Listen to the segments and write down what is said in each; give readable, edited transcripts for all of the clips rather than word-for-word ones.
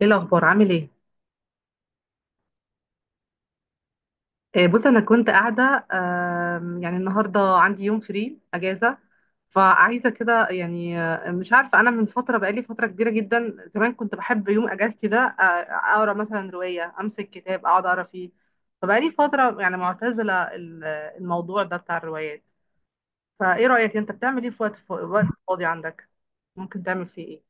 ايه الاخبار؟ عامل ايه؟ آه، بص انا كنت قاعده، يعني النهارده عندي يوم فري اجازه، فعايزه كده. يعني مش عارفه، انا من فتره، بقالي فتره كبيره جدا. زمان كنت بحب يوم اجازتي ده، اقرا مثلا روايه، امسك كتاب اقعد اقرا فيه. فبقالي فتره يعني معتزله الموضوع ده بتاع الروايات. فايه رايك، انت بتعمل ايه في وقت، في وقت فاضي عندك؟ ممكن تعمل فيه ايه؟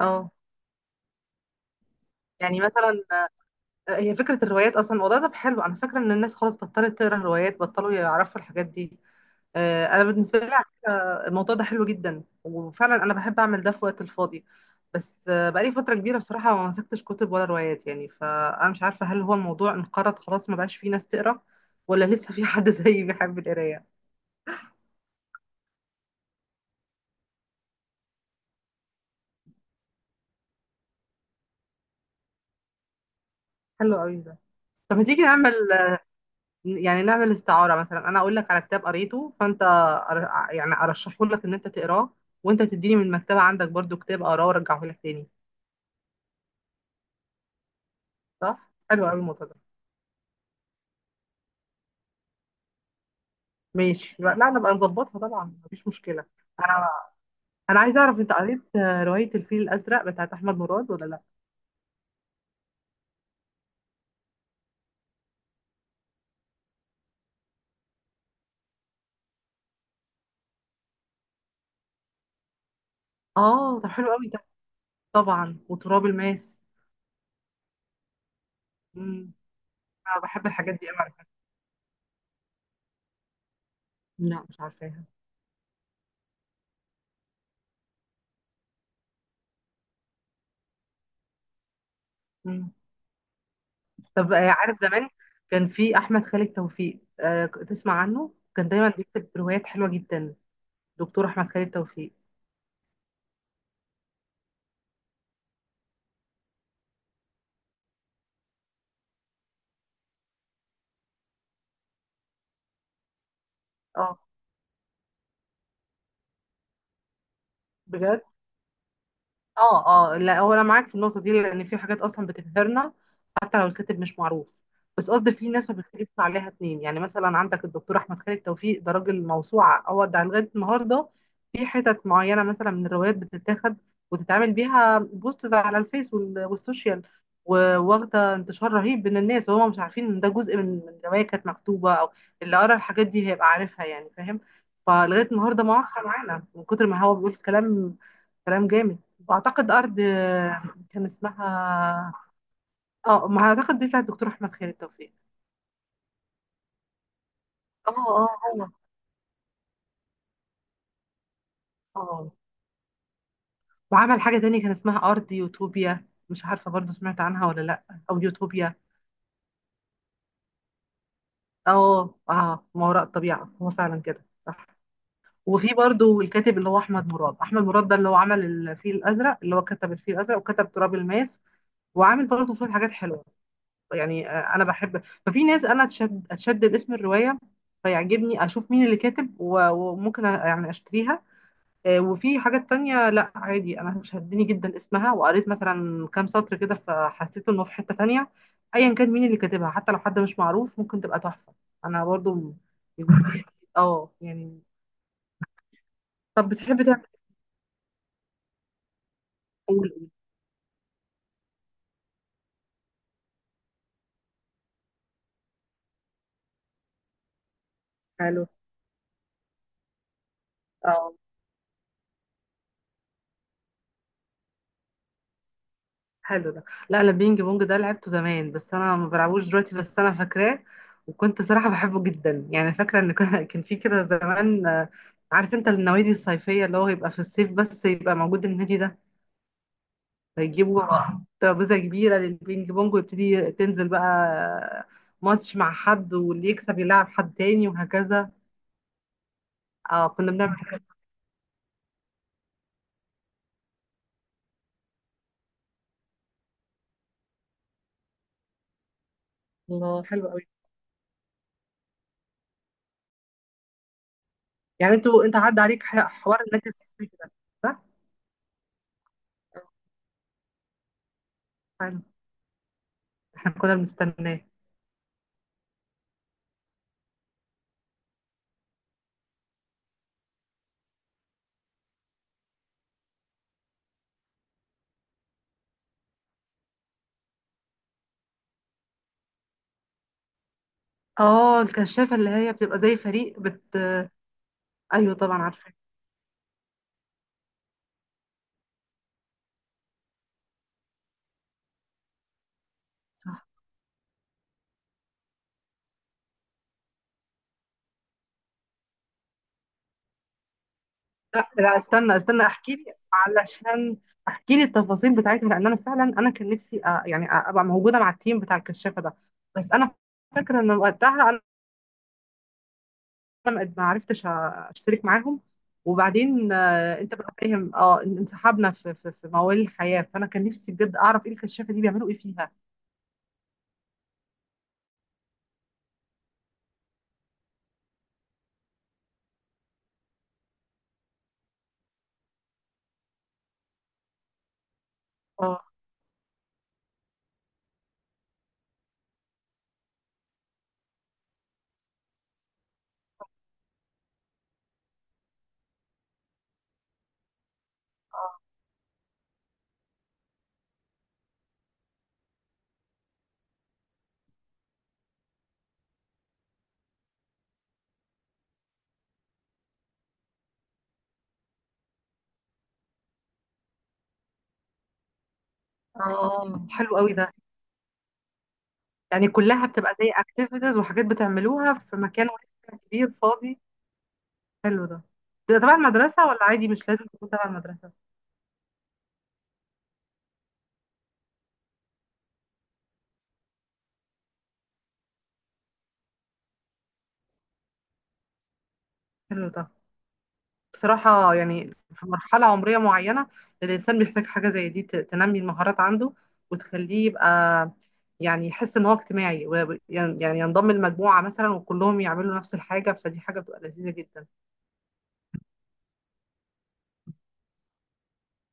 اه، يعني مثلا، هي فكرة الروايات أصلا الموضوع ده حلو. أنا فاكرة إن الناس خلاص بطلت تقرا روايات، بطلوا يعرفوا الحاجات دي. أنا بالنسبة لي على فكرة الموضوع ده حلو جدا، وفعلا أنا بحب أعمل ده في وقت الفاضي. بس بقالي فترة كبيرة بصراحة ما مسكتش كتب ولا روايات، يعني فأنا مش عارفة، هل هو الموضوع انقرض خلاص ما بقاش فيه ناس تقرا، ولا لسه في حد زيي بيحب القراية؟ حلو قوي ده. طب ما تيجي نعمل، يعني نعمل استعارة، مثلا أنا أقول لك على كتاب قريته فأنت يعني أرشحه لك إن أنت تقراه، وأنت تديني من المكتبة عندك برضو كتاب أقراه وأرجعه لك تاني. صح؟ حلو أوي الموضوع ده. ماشي، لا نبقى نظبطها طبعا، مفيش مشكلة. أنا أنا عايزة أعرف، أنت قريت رواية الفيل الأزرق بتاعت أحمد مراد ولا لأ؟ آه، طب حلو أوي ده. طبعا، وتراب الماس. مم. أنا بحب الحاجات دي أوي على فكرة. لا مش عارفاها. مم. طب عارف زمان كان في احمد خالد توفيق؟ تسمع عنه؟ كان دايما بيكتب روايات حلوه جدا، دكتور احمد خالد توفيق. اه. بجد. اه. اه، لا هو انا معاك في النقطه دي، لان في حاجات اصلا بتبهرنا حتى لو الكاتب مش معروف. بس قصدي، في ناس ما بيختلفش عليها اتنين، يعني مثلا عندك الدكتور احمد خالد توفيق ده راجل موسوعه. هو ده لغايه النهارده في حتت معينه مثلا من الروايات بتتاخد وتتعمل بيها بوستز على الفيس والسوشيال، واخده انتشار رهيب بين الناس، وهم مش عارفين ان ده جزء من روايه كانت مكتوبه، او اللي قرا الحاجات دي هيبقى عارفها، يعني فاهم. فلغايه النهارده معاصره معانا، من كتر ما هو بيقول كلام، كلام جامد. واعتقد ارض كان اسمها، اه ما اعتقد دي بتاعت الدكتور احمد خالد توفيق. اه اه. هو. اه. وعمل حاجه تانية كان اسمها ارض يوتوبيا، مش عارفه برضو سمعت عنها ولا لا، او يوتوبيا. اه اه، ما وراء الطبيعه، هو فعلا كده صح. وفي برضو الكاتب اللي هو احمد مراد، احمد مراد ده اللي هو عمل الفيل الازرق، اللي هو كتب الفيل الازرق وكتب تراب الماس، وعامل برضو شويه حاجات حلوه. يعني انا بحب، ففي ناس انا اتشدد اسم الروايه، فيعجبني اشوف مين اللي كاتب وممكن يعني اشتريها. وفي حاجات تانية لا عادي انا شدني جدا اسمها، وقريت مثلا كام سطر كده فحسيت انه في حتة تانية. ايا كان مين اللي كاتبها، حتى لو حد مش معروف، ممكن تبقى تحفة. انا برضو الجزئية دي، اه يعني. طب بتحب تعمل، قول قول. حلو. اه حلو ده. لا انا البينج بونج ده لعبته زمان، بس انا ما بلعبوش دلوقتي، بس انا فاكراه. وكنت صراحة بحبه جدا، يعني فاكرة ان كان كان في كده زمان، عارف انت النوادي الصيفية اللي هو يبقى في الصيف بس يبقى موجود النادي ده؟ فيجيبوا ترابيزة كبيرة للبينج بونج، ويبتدي تنزل بقى ماتش مع حد، واللي يكسب يلعب حد تاني، وهكذا. اه كنا بنعمل كده. الله حلو قوي. يعني انتوا، انت عدى عليك حوار النادي الصيفي ده، صح؟ حلو. احنا كنا بنستناه. اه الكشافة، اللي هي بتبقى زي فريق بت. ايوه طبعا عارفة. صح. لا لا، استنى استنى، احكي لي، علشان احكي لي التفاصيل بتاعتها، لان انا فعلا انا كان نفسي يعني ابقى موجودة مع التيم بتاع الكشافة ده. بس انا فاكرة ان وقتها انا ما عرفتش اشترك معاهم. وبعدين انت بقى فاهم اه، انسحبنا في في موال الحياة، فانا كان نفسي بجد اعرف ايه الكشافة دي بيعملوا ايه فيها. اه اه. حلو قوي ده. يعني كلها بتبقى زي اكتيفيتيز وحاجات بتعملوها في مكان واحد كبير فاضي. حلو ده. بتبقى تبع المدرسة ولا عادي مش لازم تكون تبع المدرسة؟ حلو ده. بصراحة يعني في مرحلة عمرية معينة الإنسان بيحتاج حاجة زي دي تنمي المهارات عنده، وتخليه يبقى، يعني يحس إن هو اجتماعي يعني، يعني ينضم لمجموعة مثلا وكلهم يعملوا نفس الحاجة، فدي حاجة بتبقى لذيذة جدا.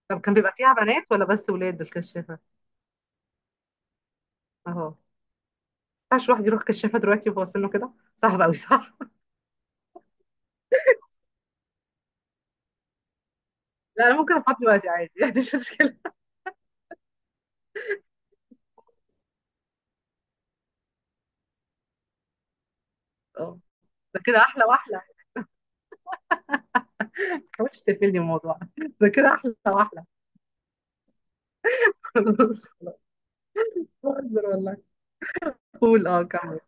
طب كان بيبقى فيها بنات ولا بس ولاد الكشافة؟ أهو، ما ينفعش الواحد يروح كشافة دلوقتي وهو سنه كده، صعب أوي صح؟ لا انا ممكن افضي دلوقتي عادي ما عنديش مشكله. اه ده كده احلى واحلى. ما تحاولش تقفلني الموضوع ده كده احلى واحلى. خلاص خلاص، بهزر والله. قول اه، كمل.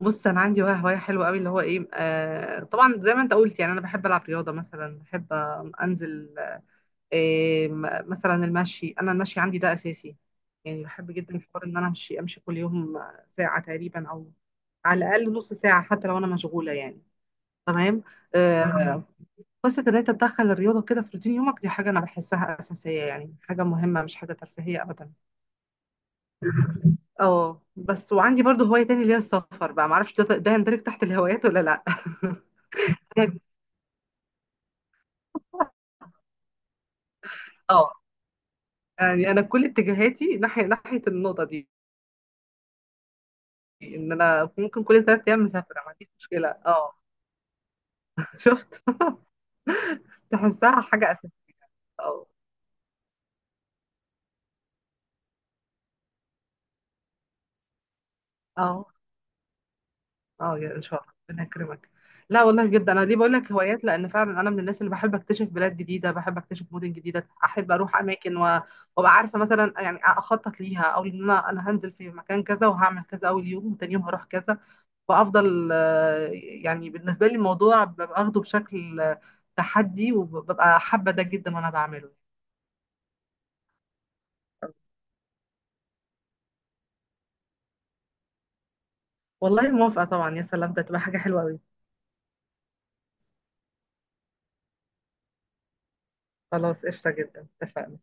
بص انا عندي بقى هوايه حلوه قوي، اللي هو ايه، آه طبعا زي ما انت قلت، يعني انا بحب العب رياضه، مثلا بحب انزل مثلا المشي. انا المشي عندي ده اساسي، يعني بحب جدا حوار ان انا امشي كل يوم، ساعه تقريبا، او على الاقل نص ساعه حتى لو انا مشغوله، يعني تمام. آه، قصة إن أنت تدخل الرياضة كده في روتين يومك، دي حاجة أنا بحسها أساسية، يعني حاجة مهمة، مش حاجة ترفيهية أبدا. اه، بس وعندي برضو هواية تاني اللي هي السفر بقى، معرفش ده يندرج تحت الهوايات ولا لأ. اه، يعني أنا كل اتجاهاتي ناحية النقطة دي، إن أنا ممكن كل تلات أيام مسافرة ما عنديش مشكلة اه. شفت، تحسها حاجة أساسية. اه. اه. اه يا ان شاء الله، ربنا يكرمك. لا والله بجد انا ليه بقول لك هوايات، لان فعلا انا من الناس اللي بحب اكتشف بلاد جديده، بحب اكتشف مدن جديده، احب اروح اماكن وابقى عارفه مثلا، يعني اخطط ليها، او ان انا هنزل في مكان كذا وهعمل كذا اول يوم، وتاني يوم هروح كذا. وافضل يعني بالنسبه لي الموضوع ببقى اخده بشكل تحدي، وببقى حابه ده جدا وانا بعمله. والله موافقه طبعا، يا سلام ده تبقى حاجه حلوه قوي. خلاص قشطه جدا، اتفقنا.